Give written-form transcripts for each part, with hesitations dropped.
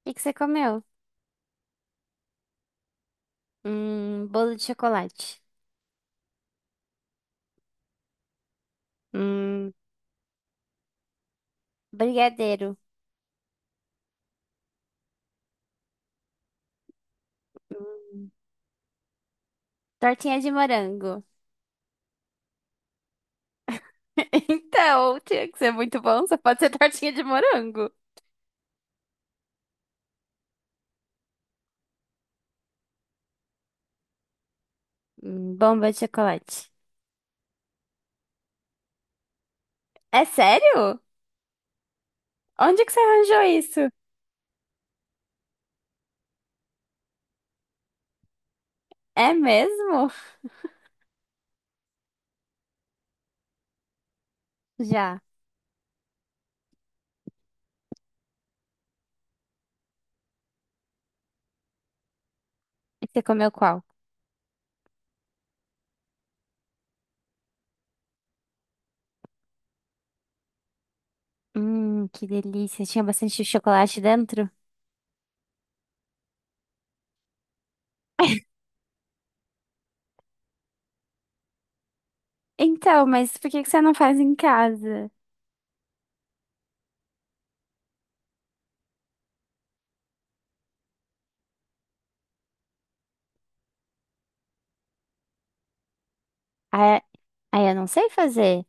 O que que você comeu? Bolo de chocolate. Hum, brigadeiro. Hum, tortinha de morango. Então, tinha que ser muito bom, só pode ser tortinha de morango. Bomba de chocolate. É sério? Onde que você arranjou isso? É mesmo? Já. E você comeu qual? Que delícia. Tinha bastante chocolate dentro? Então, mas por que que você não faz em casa? Ah, eu não sei fazer.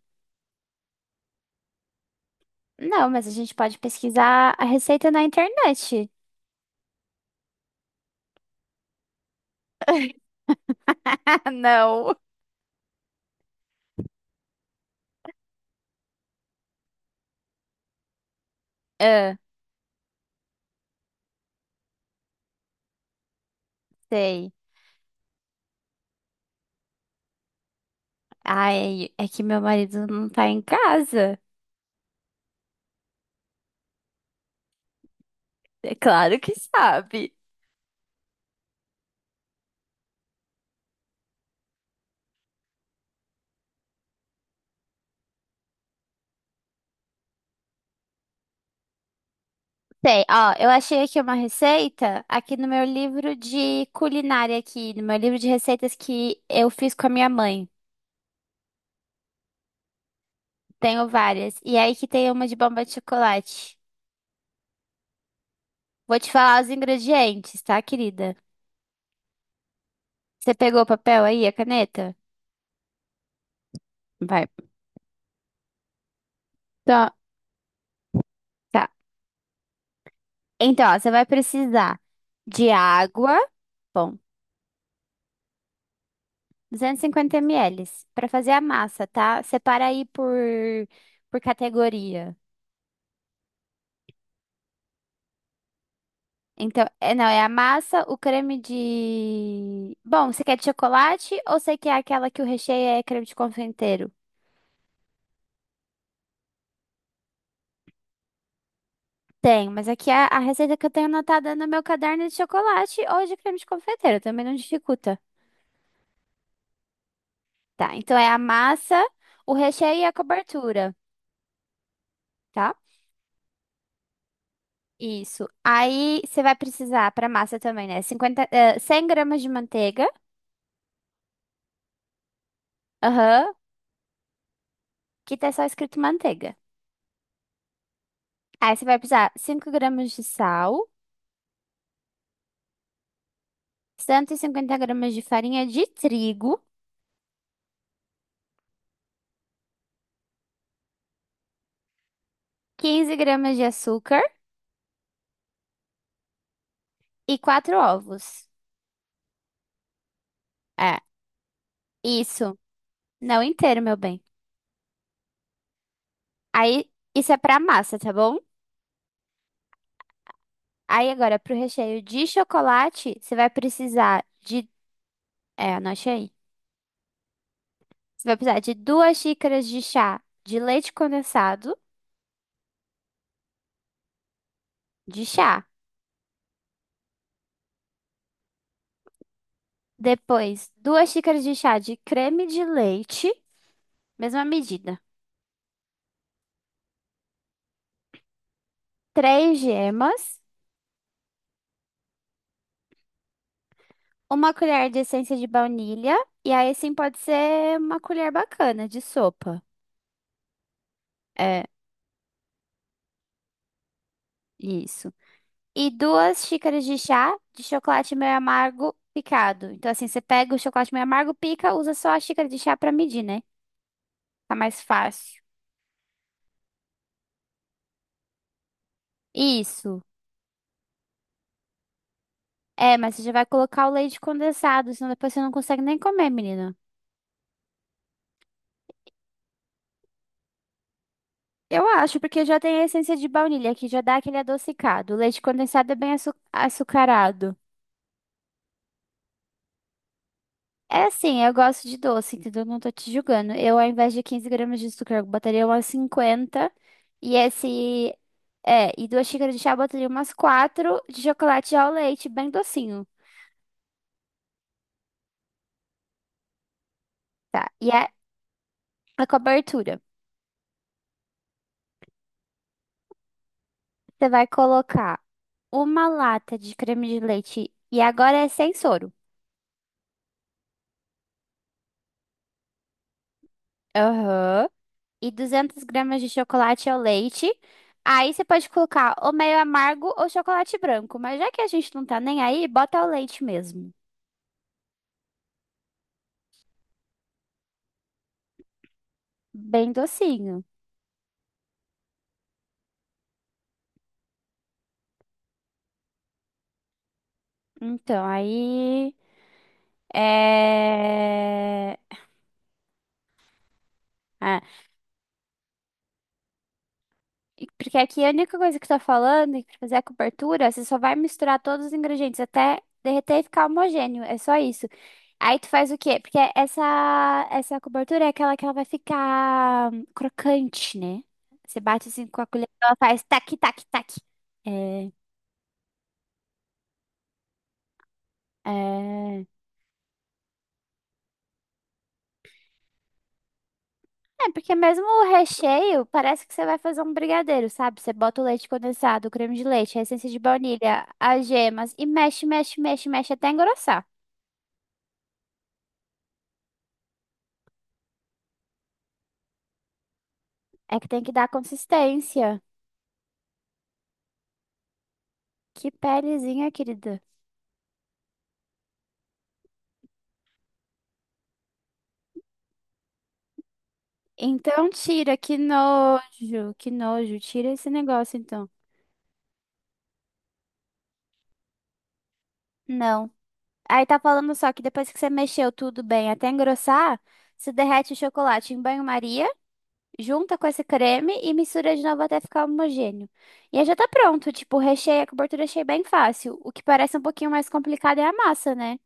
Não, mas a gente pode pesquisar a receita na internet. Não. Ah, sei. Ai, é que meu marido não tá em casa. É claro que sabe. Sei, ó, eu achei aqui uma receita aqui no meu livro de culinária aqui, no meu livro de receitas que eu fiz com a minha mãe. Tenho várias. E é aí que tem uma de bomba de chocolate. Vou te falar os ingredientes, tá, querida? Você pegou o papel aí, a caneta? Vai. Tá. Tá. Então, ó, você vai precisar de água, bom, 250 mililitros para fazer a massa, tá? Separa aí por categoria. Então, é, não, é a massa, o creme de... Bom, você quer de chocolate ou você quer aquela que o recheio é creme de confeiteiro? Tem, mas aqui a receita que eu tenho anotada no meu caderno é de chocolate ou de creme de confeiteiro, também não dificulta. Tá, então é a massa, o recheio e a cobertura. Tá? Isso. Aí você vai precisar para massa também, né? 100 gramas de manteiga. Aham. Que tá só escrito manteiga. Aí você vai precisar 5 gramas de sal, 150 gramas de farinha de trigo, 15 gramas de açúcar e 4 ovos. É, isso. Não inteiro, meu bem. Aí isso é pra massa, tá bom? Aí agora pro recheio de chocolate, você vai precisar de, é, anote aí. Você vai precisar de duas xícaras de chá de leite condensado de chá. Depois, duas xícaras de chá de creme de leite, mesma medida. Três gemas, uma colher de essência de baunilha, e aí sim pode ser uma colher bacana de sopa. É, isso. E duas xícaras de chá de chocolate meio amargo picado. Então, assim, você pega o chocolate meio amargo, pica, usa só a xícara de chá pra medir, né? Tá mais fácil. Isso. É, mas você já vai colocar o leite condensado, senão depois você não consegue nem comer, menina. Eu acho, porque já tem a essência de baunilha, que já dá aquele adocicado. O leite condensado é bem açucarado. É assim, eu gosto de doce, entendeu? Não tô te julgando. Eu, ao invés de 15 gramas de açúcar, eu botaria umas 50. E esse. É, e duas xícaras de chá, eu botaria umas quatro de chocolate ao leite, bem docinho. Tá. E a cobertura. Você vai colocar uma lata de creme de leite. E agora é sem soro. Aham. E 200 gramas de chocolate ao leite. Aí você pode colocar ou meio amargo ou chocolate branco. Mas já que a gente não tá nem aí, bota o leite mesmo. Bem docinho. Então, aí. É. Ah, porque aqui a única coisa que tá falando é que pra fazer a cobertura, você só vai misturar todos os ingredientes até derreter e ficar homogêneo. É só isso. Aí tu faz o quê? Porque essa cobertura é aquela que ela vai ficar crocante, né? Você bate assim com a colher, ela faz tac, tac, tac. É, é. É, porque mesmo o recheio, parece que você vai fazer um brigadeiro, sabe? Você bota o leite condensado, o creme de leite, a essência de baunilha, as gemas e mexe, mexe, mexe, mexe até engrossar. É que tem que dar consistência. Que pelezinha, querida. Então tira, que nojo, que nojo. Tira esse negócio, então. Não. Aí tá falando só que depois que você mexeu tudo bem até engrossar, você derrete o chocolate em banho-maria, junta com esse creme e mistura de novo até ficar homogêneo. E aí já tá pronto, tipo, recheio, a cobertura eu achei bem fácil. O que parece um pouquinho mais complicado é a massa, né?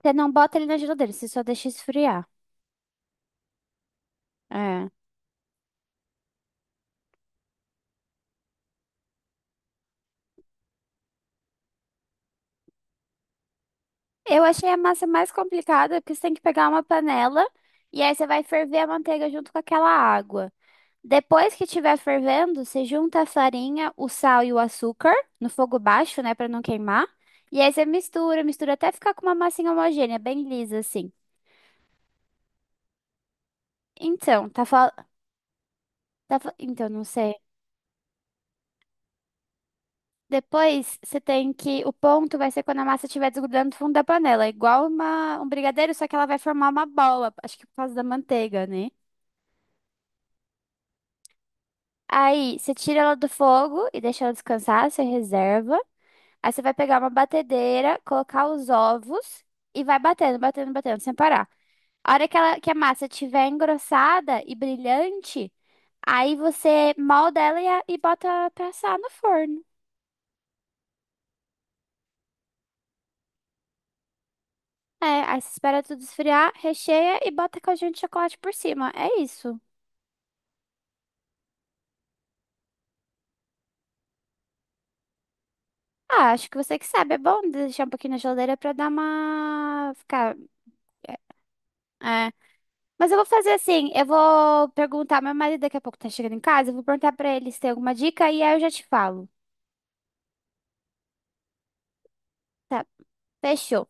Você não bota ele na geladeira, você só deixa esfriar. É. Eu achei a massa mais complicada porque você tem que pegar uma panela e aí você vai ferver a manteiga junto com aquela água. Depois que estiver fervendo, você junta a farinha, o sal e o açúcar no fogo baixo, né, para não queimar. E aí você mistura, mistura até ficar com uma massinha homogênea, bem lisa assim. Então, tá, então não sei. Depois você tem que o ponto vai ser quando a massa estiver desgrudando do fundo da panela, igual uma um brigadeiro, só que ela vai formar uma bola, acho que por causa da manteiga, né? Aí você tira ela do fogo e deixa ela descansar, você reserva. Aí você vai pegar uma batedeira, colocar os ovos e vai batendo, batendo, batendo, sem parar. A hora que a massa estiver engrossada e brilhante, aí você molda ela e bota pra assar no forno. É, aí você espera tudo esfriar, recheia e bota caldinho de chocolate por cima. É isso. Ah, acho que você que sabe. É bom deixar um pouquinho na geladeira pra dar uma... Ficar... É. É. Mas eu vou fazer assim, eu vou perguntar, meu marido daqui a pouco tá chegando em casa, eu vou perguntar pra ele se tem alguma dica e aí eu já te falo. Tá, fechou.